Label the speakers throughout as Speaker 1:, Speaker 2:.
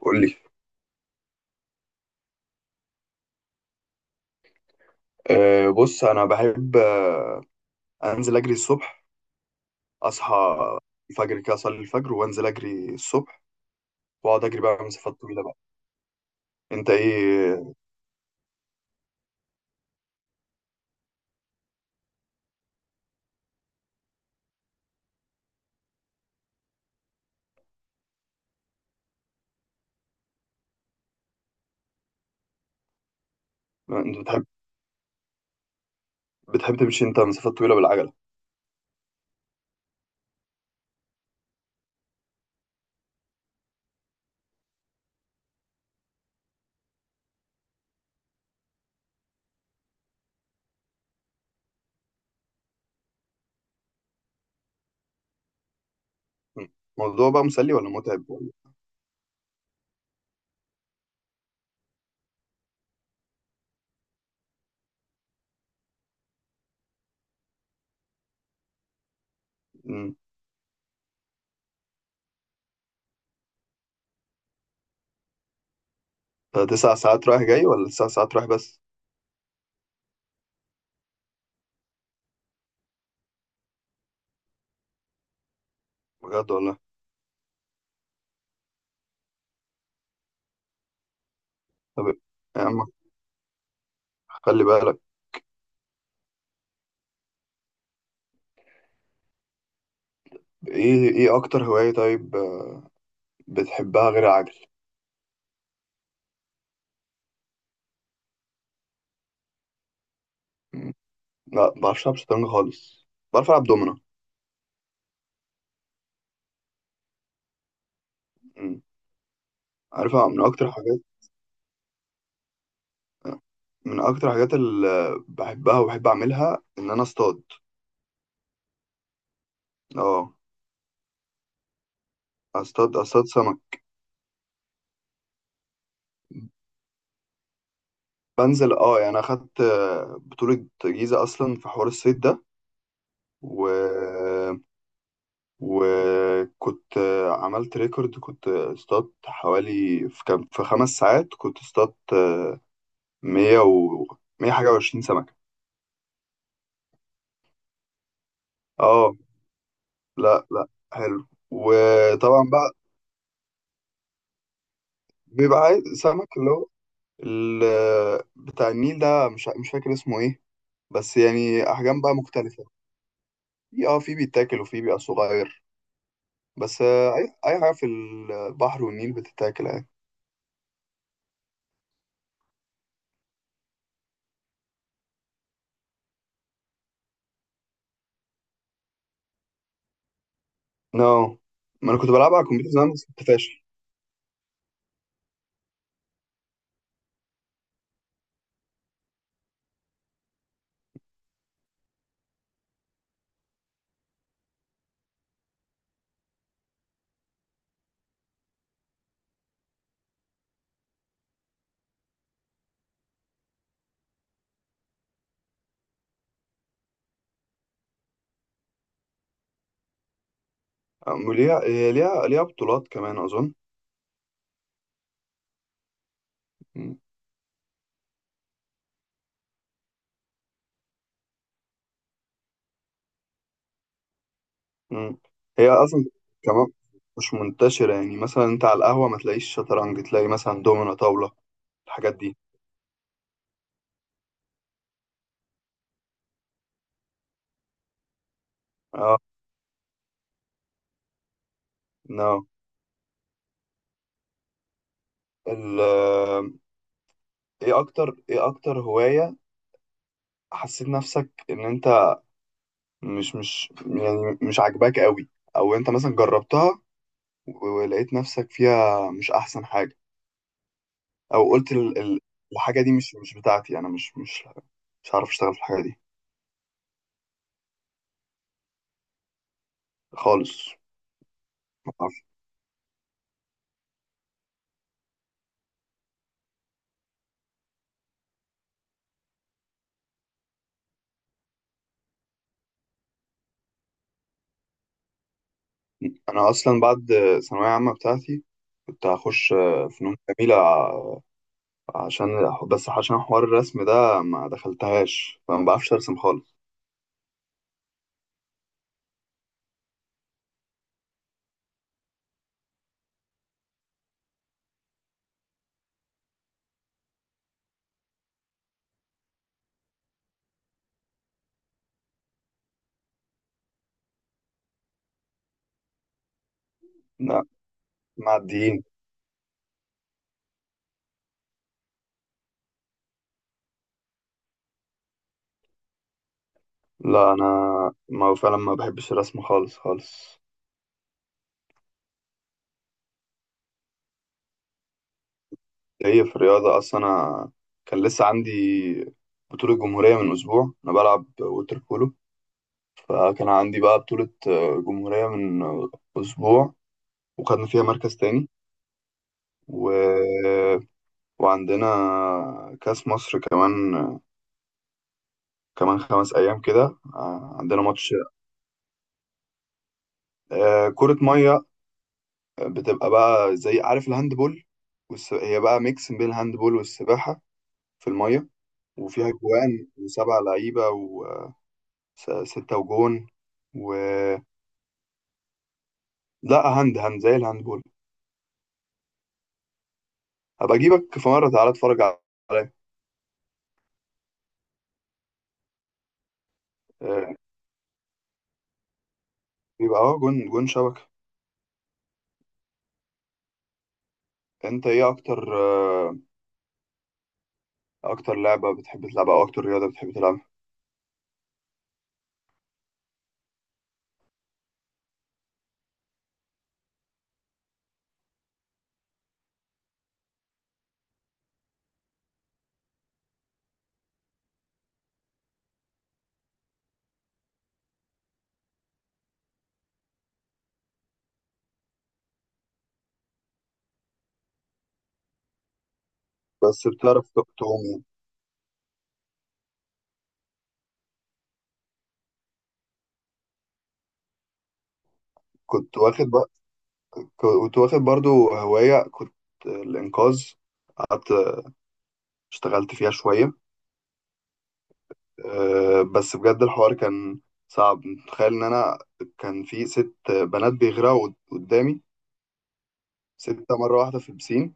Speaker 1: قول لي. بص انا بحب انزل اجري الصبح. اصحى الفجر كده، اصلي الفجر وانزل اجري الصبح، واقعد اجري بقى مسافات طويله بقى. انت ايه؟ انت بتحب تمشي انت مسافات طويله بالعجله؟ م. الموضوع بقى مسلي ولا متعب ولا؟ م. ده 9 ساعات رايح جاي ولا 9 ساعات رايح بس؟ بجد والله. طب يا عم، خلي بالك. ايه اكتر هوايه طيب، بتحبها غير العجل؟ م. لا، ما بعرفش العب شطرنج خالص، بعرف العب دومنه. م. عارفها من اكتر حاجات. من اكتر الحاجات اللي بحبها وبحب اعملها ان انا اصطاد. اه. اصطاد سمك. بنزل، يعني انا اخدت، بطولة جيزة اصلا في حوار الصيد ده. و... وكنت، عملت ريكورد. كنت اصطادت حوالي، في كام، في 5 ساعات كنت اصطادت مية و مية حاجة وعشرين سمكة. اه. لا، لا. حلو، وطبعا بقى بيبقى عايز سمك اللي هو بتاع النيل ده، مش فاكر اسمه ايه، بس يعني احجام بقى مختلفه. في بيتاكل وفي بيبقى صغير. بس اي حاجه في البحر والنيل بتتاكل يعني. نو، ما انا كنت بلعبها على الكمبيوتر زمان بس كنت فاشل. ليها، هي ليها بطولات كمان اظن. مم. مم. هي اصلا كمان مش منتشره. يعني مثلا انت على القهوه ما تلاقيش شطرنج، تلاقي مثلا دومنة، طاوله، الحاجات دي. اه. نو، ال آه، ايه اكتر هوايه حسيت نفسك ان انت مش يعني مش عاجباك قوي، او انت مثلا جربتها ولقيت نفسك فيها مش احسن حاجه، او قلت الحاجه دي مش بتاعتي، انا مش عارف اشتغل في الحاجه دي خالص؟ ما أعرف. انا اصلا بعد ثانويه عامه بتاعتي كنت هخش فنون جميله عشان، بس عشان حوار الرسم ده ما دخلتهاش، فما بعرفش ارسم خالص. لا. معديين. لا، انا ما فعلا ما بحبش الرسم خالص خالص. جاي في الرياضة أصلا. أنا كان لسه عندي بطولة جمهورية من أسبوع، أنا بلعب ووتر بولو. فكان عندي بقى بطولة، جمهورية من، أسبوع. وخدنا فيها مركز تاني. و... وعندنا كأس مصر كمان، كمان 5 أيام كده. عندنا ماتش. كرة مية، بتبقى بقى زي، عارف، الهاندبول. هي بقى ميكس بين الهاندبول والسباحة في المية. وفيها جوان وسبع لعيبة، ستة وجون و لا، هاند زي الهاندبول. هبقى اجيبك في مرة، تعالى اتفرج عليا. آه، يبقى جون شبكة. انت ايه اكتر لعبة بتحب تلعبها، او اكتر رياضة بتحب تلعبها؟ بس بتعرف تعوم يعني. كنت واخد بقى كنت واخد برضو هواية، كنت الانقاذ. قعدت اشتغلت فيها شوية. بس بجد الحوار كان صعب. تخيل ان انا كان في 6 بنات بيغرقوا قدامي. ستة مرة واحدة في البسين،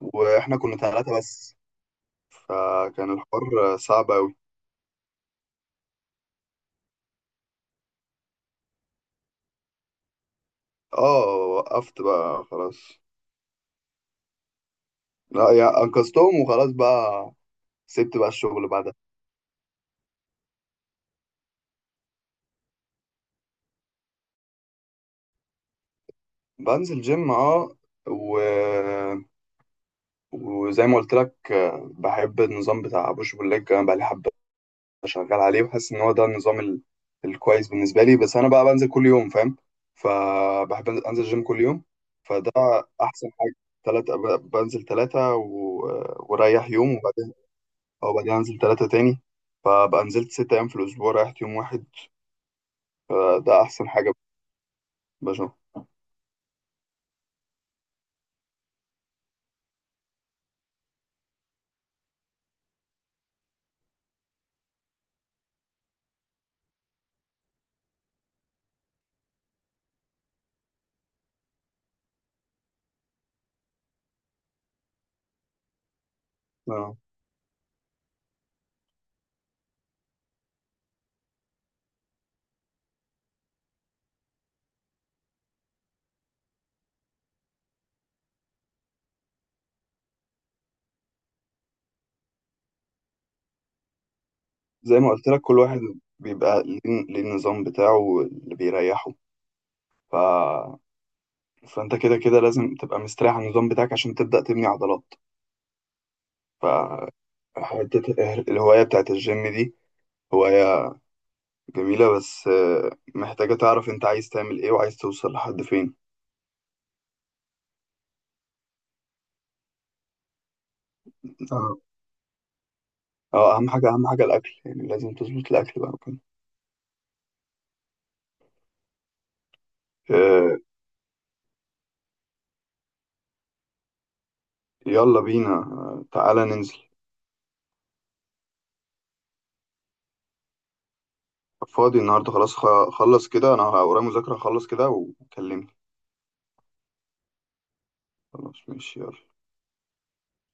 Speaker 1: واحنا كنا ثلاثة بس. فكان الحوار صعب أوي. اه، وقفت بقى خلاص. لا، يعني أنقذتهم وخلاص بقى، سبت بقى الشغل بعدها. بنزل جيم، اه. و... وزي ما قلت لك، بحب النظام بتاع بوش بول ليج. انا بقى لي حبه شغال عليه، وحاسس ان هو ده النظام الكويس بالنسبه لي. بس انا بقى بنزل كل يوم، فاهم، فبحب انزل جيم كل يوم. فده احسن حاجه. ثلاثة، بنزل ثلاثة وريح يوم. أو بعدين أنزل تلاتة تاني. فبقى نزلت 6 أيام في الأسبوع، ريحت يوم واحد. فده أحسن حاجة بشوفها. آه. زي ما قلت لك، كل واحد بيبقى ليه، النظام بتاعه اللي بيريحه. ف... فأنت كده كده لازم تبقى مستريح على النظام بتاعك، عشان تبدأ تبني عضلات. فحتة الهواية بتاعت الجيم دي هواية جميلة. بس محتاجة تعرف أنت عايز تعمل إيه وعايز توصل لحد فين. اه، أهم حاجة الأكل. يعني لازم تظبط الأكل بقى وكده. آه، يلا بينا، تعالى ننزل. فاضي النهارده؟ خلاص، خلص كده. انا ورايا مذاكرة، خلص كده وكلمني. خلاص، ماشي، يلا.